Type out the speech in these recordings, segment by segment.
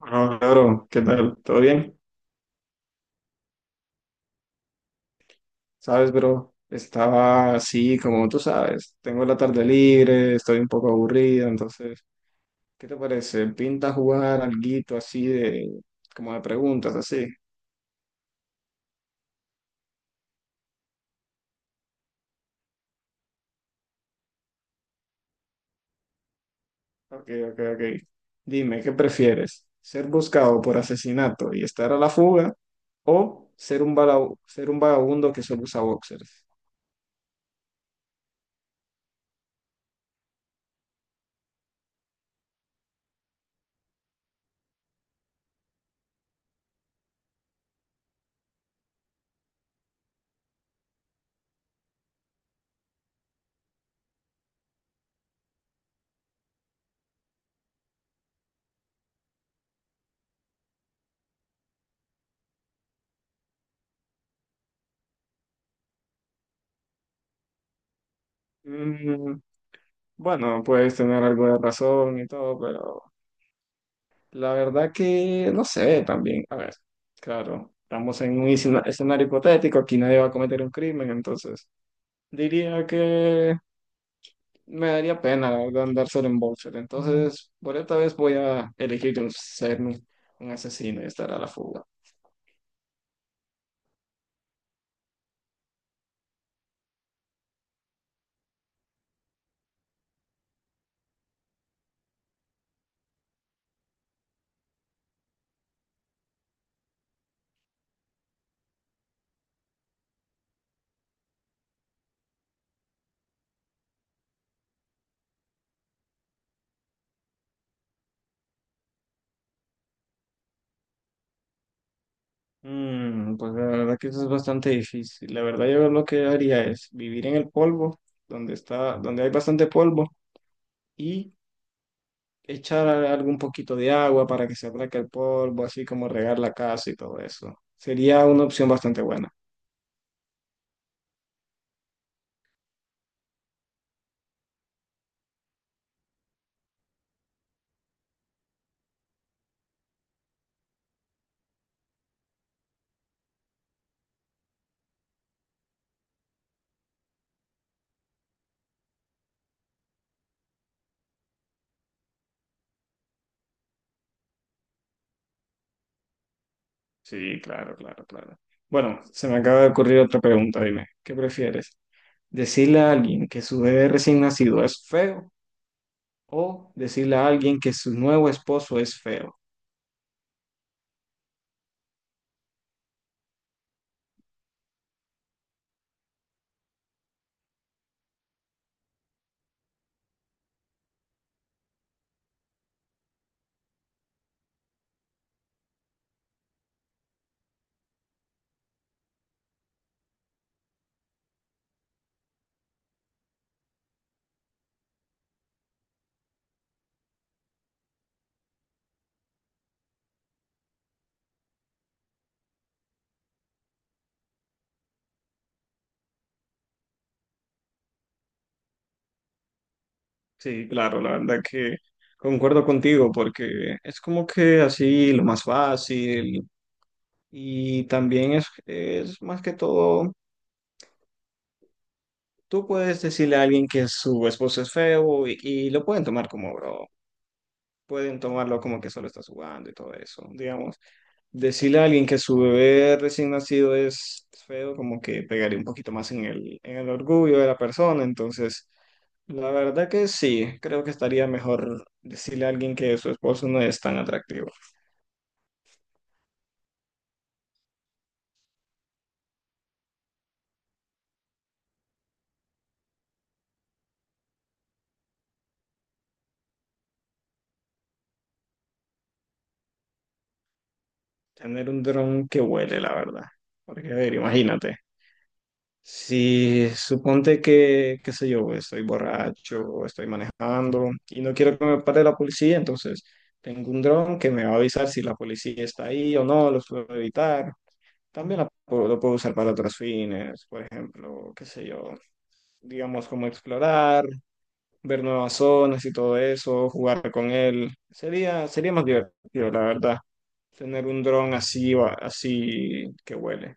Ah, claro, ¿qué tal? ¿Todo bien? Sabes, bro, estaba así, como tú sabes, tengo la tarde libre, estoy un poco aburrido, entonces, ¿qué te parece? ¿Pinta jugar alguito así de, como de preguntas, así? Ok, ok, ok. Dime, ¿qué prefieres? ¿Ser buscado por asesinato y estar a la fuga o ser un vagabundo que solo usa boxers? Mm, bueno, puedes tener algo de razón y todo, pero... La verdad que no sé también. A ver, claro, estamos en un escenario hipotético, aquí nadie va a cometer un crimen, entonces diría que me daría pena, la verdad, andar solo en boxer. Entonces, por esta vez voy a elegir ser un asesino y estar a la fuga. Pues la verdad que eso es bastante difícil. La verdad yo lo que haría es vivir en el polvo, donde está, donde hay bastante polvo, y echar algún poquito de agua para que se aplaque el polvo, así como regar la casa y todo eso. Sería una opción bastante buena. Sí, claro, claro, claro. Bueno, se me acaba de ocurrir otra pregunta, dime, ¿qué prefieres? ¿Decirle a alguien que su bebé recién nacido es feo o decirle a alguien que su nuevo esposo es feo? Sí, claro, la verdad que concuerdo contigo porque es como que así lo más fácil y también es más que todo. Tú puedes decirle a alguien que su esposo es feo y lo pueden tomar como bro. Pueden tomarlo como que solo estás jugando y todo eso, digamos. Decirle a alguien que su bebé recién nacido es feo, como que pegaría un poquito más en el orgullo de la persona. Entonces, la verdad que sí, creo que estaría mejor decirle a alguien que su esposo no es tan atractivo. Tener un dron que huele, la verdad. Porque, a ver, imagínate. Si suponte que, qué sé yo, estoy borracho o estoy manejando y no quiero que me pare la policía, entonces tengo un dron que me va a avisar si la policía está ahí o no, los puedo evitar. También la puedo- lo puedo usar para otros fines, por ejemplo, qué sé yo, digamos como explorar, ver nuevas zonas y todo eso, jugar con él. Sería, sería más divertido, la verdad, tener un dron así, así que huele.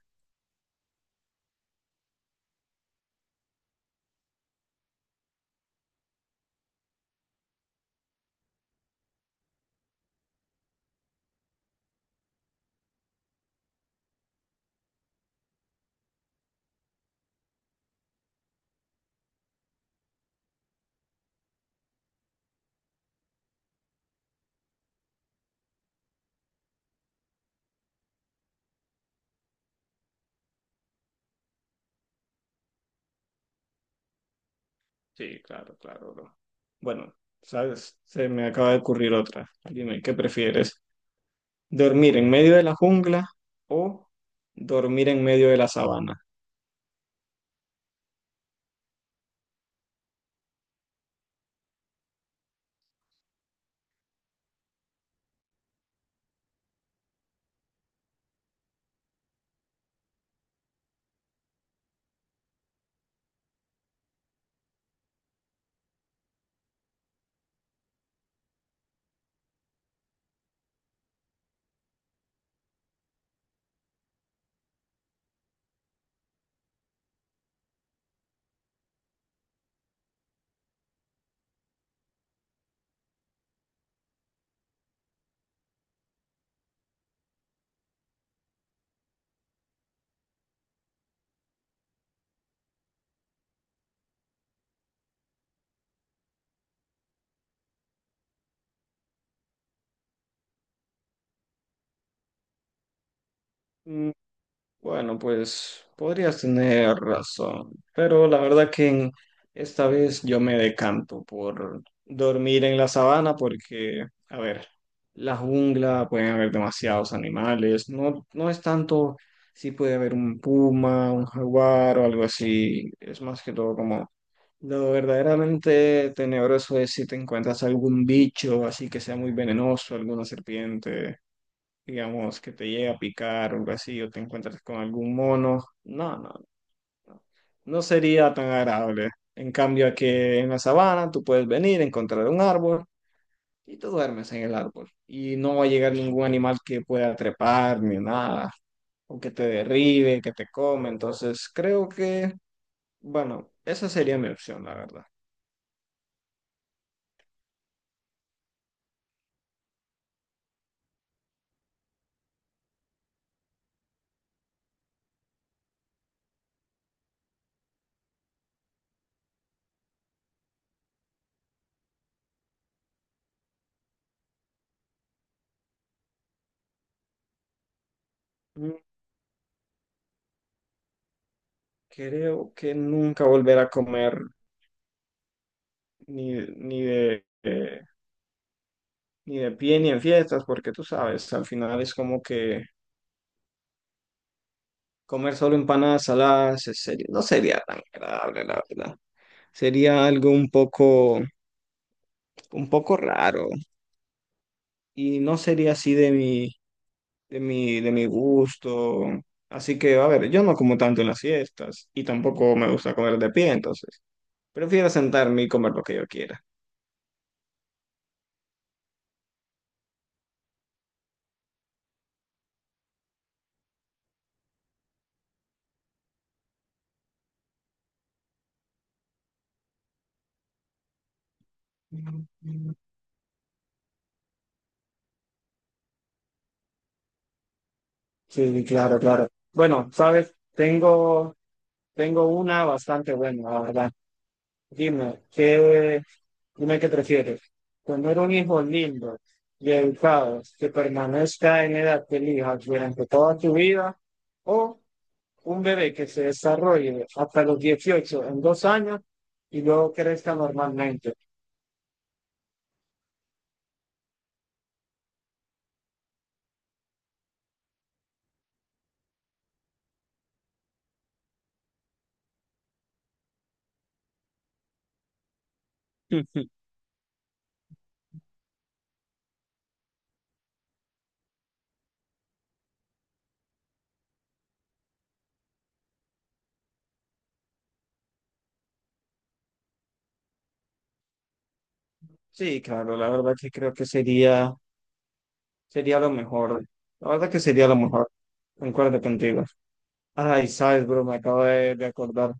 Sí, claro, claro, bro. Bueno, sabes, se me acaba de ocurrir otra. Dime, ¿qué prefieres? ¿Dormir en medio de la jungla o dormir en medio de la sabana? Bueno, pues podrías tener razón, pero la verdad que en- esta vez yo me decanto por dormir en la sabana porque, a ver, la jungla pueden haber demasiados animales, no, no es tanto si puede haber un puma, un jaguar o algo así, es más que todo como lo verdaderamente tenebroso es si te encuentras algún bicho así que sea muy venenoso, alguna serpiente digamos, que te llegue a picar o algo así, o te encuentras con algún mono. No, no, no. No sería tan agradable. En cambio, aquí en la sabana tú puedes venir, encontrar un árbol y tú duermes en el árbol. Y no va a llegar ningún animal que pueda trepar ni nada, o que te derribe, que te come. Entonces, creo que, bueno, esa sería mi opción, la verdad. Mm, Creo que nunca volver a comer ni, ni de... eh, ni de pie ni en fiestas, porque tú sabes, al final es como que comer solo empanadas saladas es no sería tan agradable, la verdad. Sería algo un poco raro y no sería así de mi gusto. Así que, a ver, yo no como tanto en las fiestas y tampoco me gusta comer de pie, entonces prefiero sentarme y comer lo que yo quiera. Sí, claro, claro. Bueno, sabes, tengo una bastante buena, la verdad. Dime dime qué prefieres? ¿Tener un hijo lindo y educado que permanezca en edad que elijas durante toda tu vida? ¿O un bebé que se desarrolle hasta los 18 en 2 años y luego crezca normalmente? Ujú. Sí, claro, la verdad que creo que sería, sería lo mejor. La verdad que sería lo mejor. Concuerdo contigo. Ay, sabes, bro, me acabo de acordar.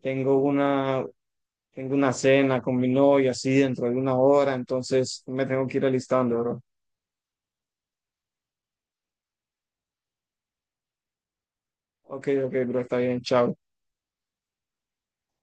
Tengo una, tengo una cena con mi novia así dentro de una hora, entonces me tengo que ir alistando, bro. Ok, ok, bro, está bien, chao.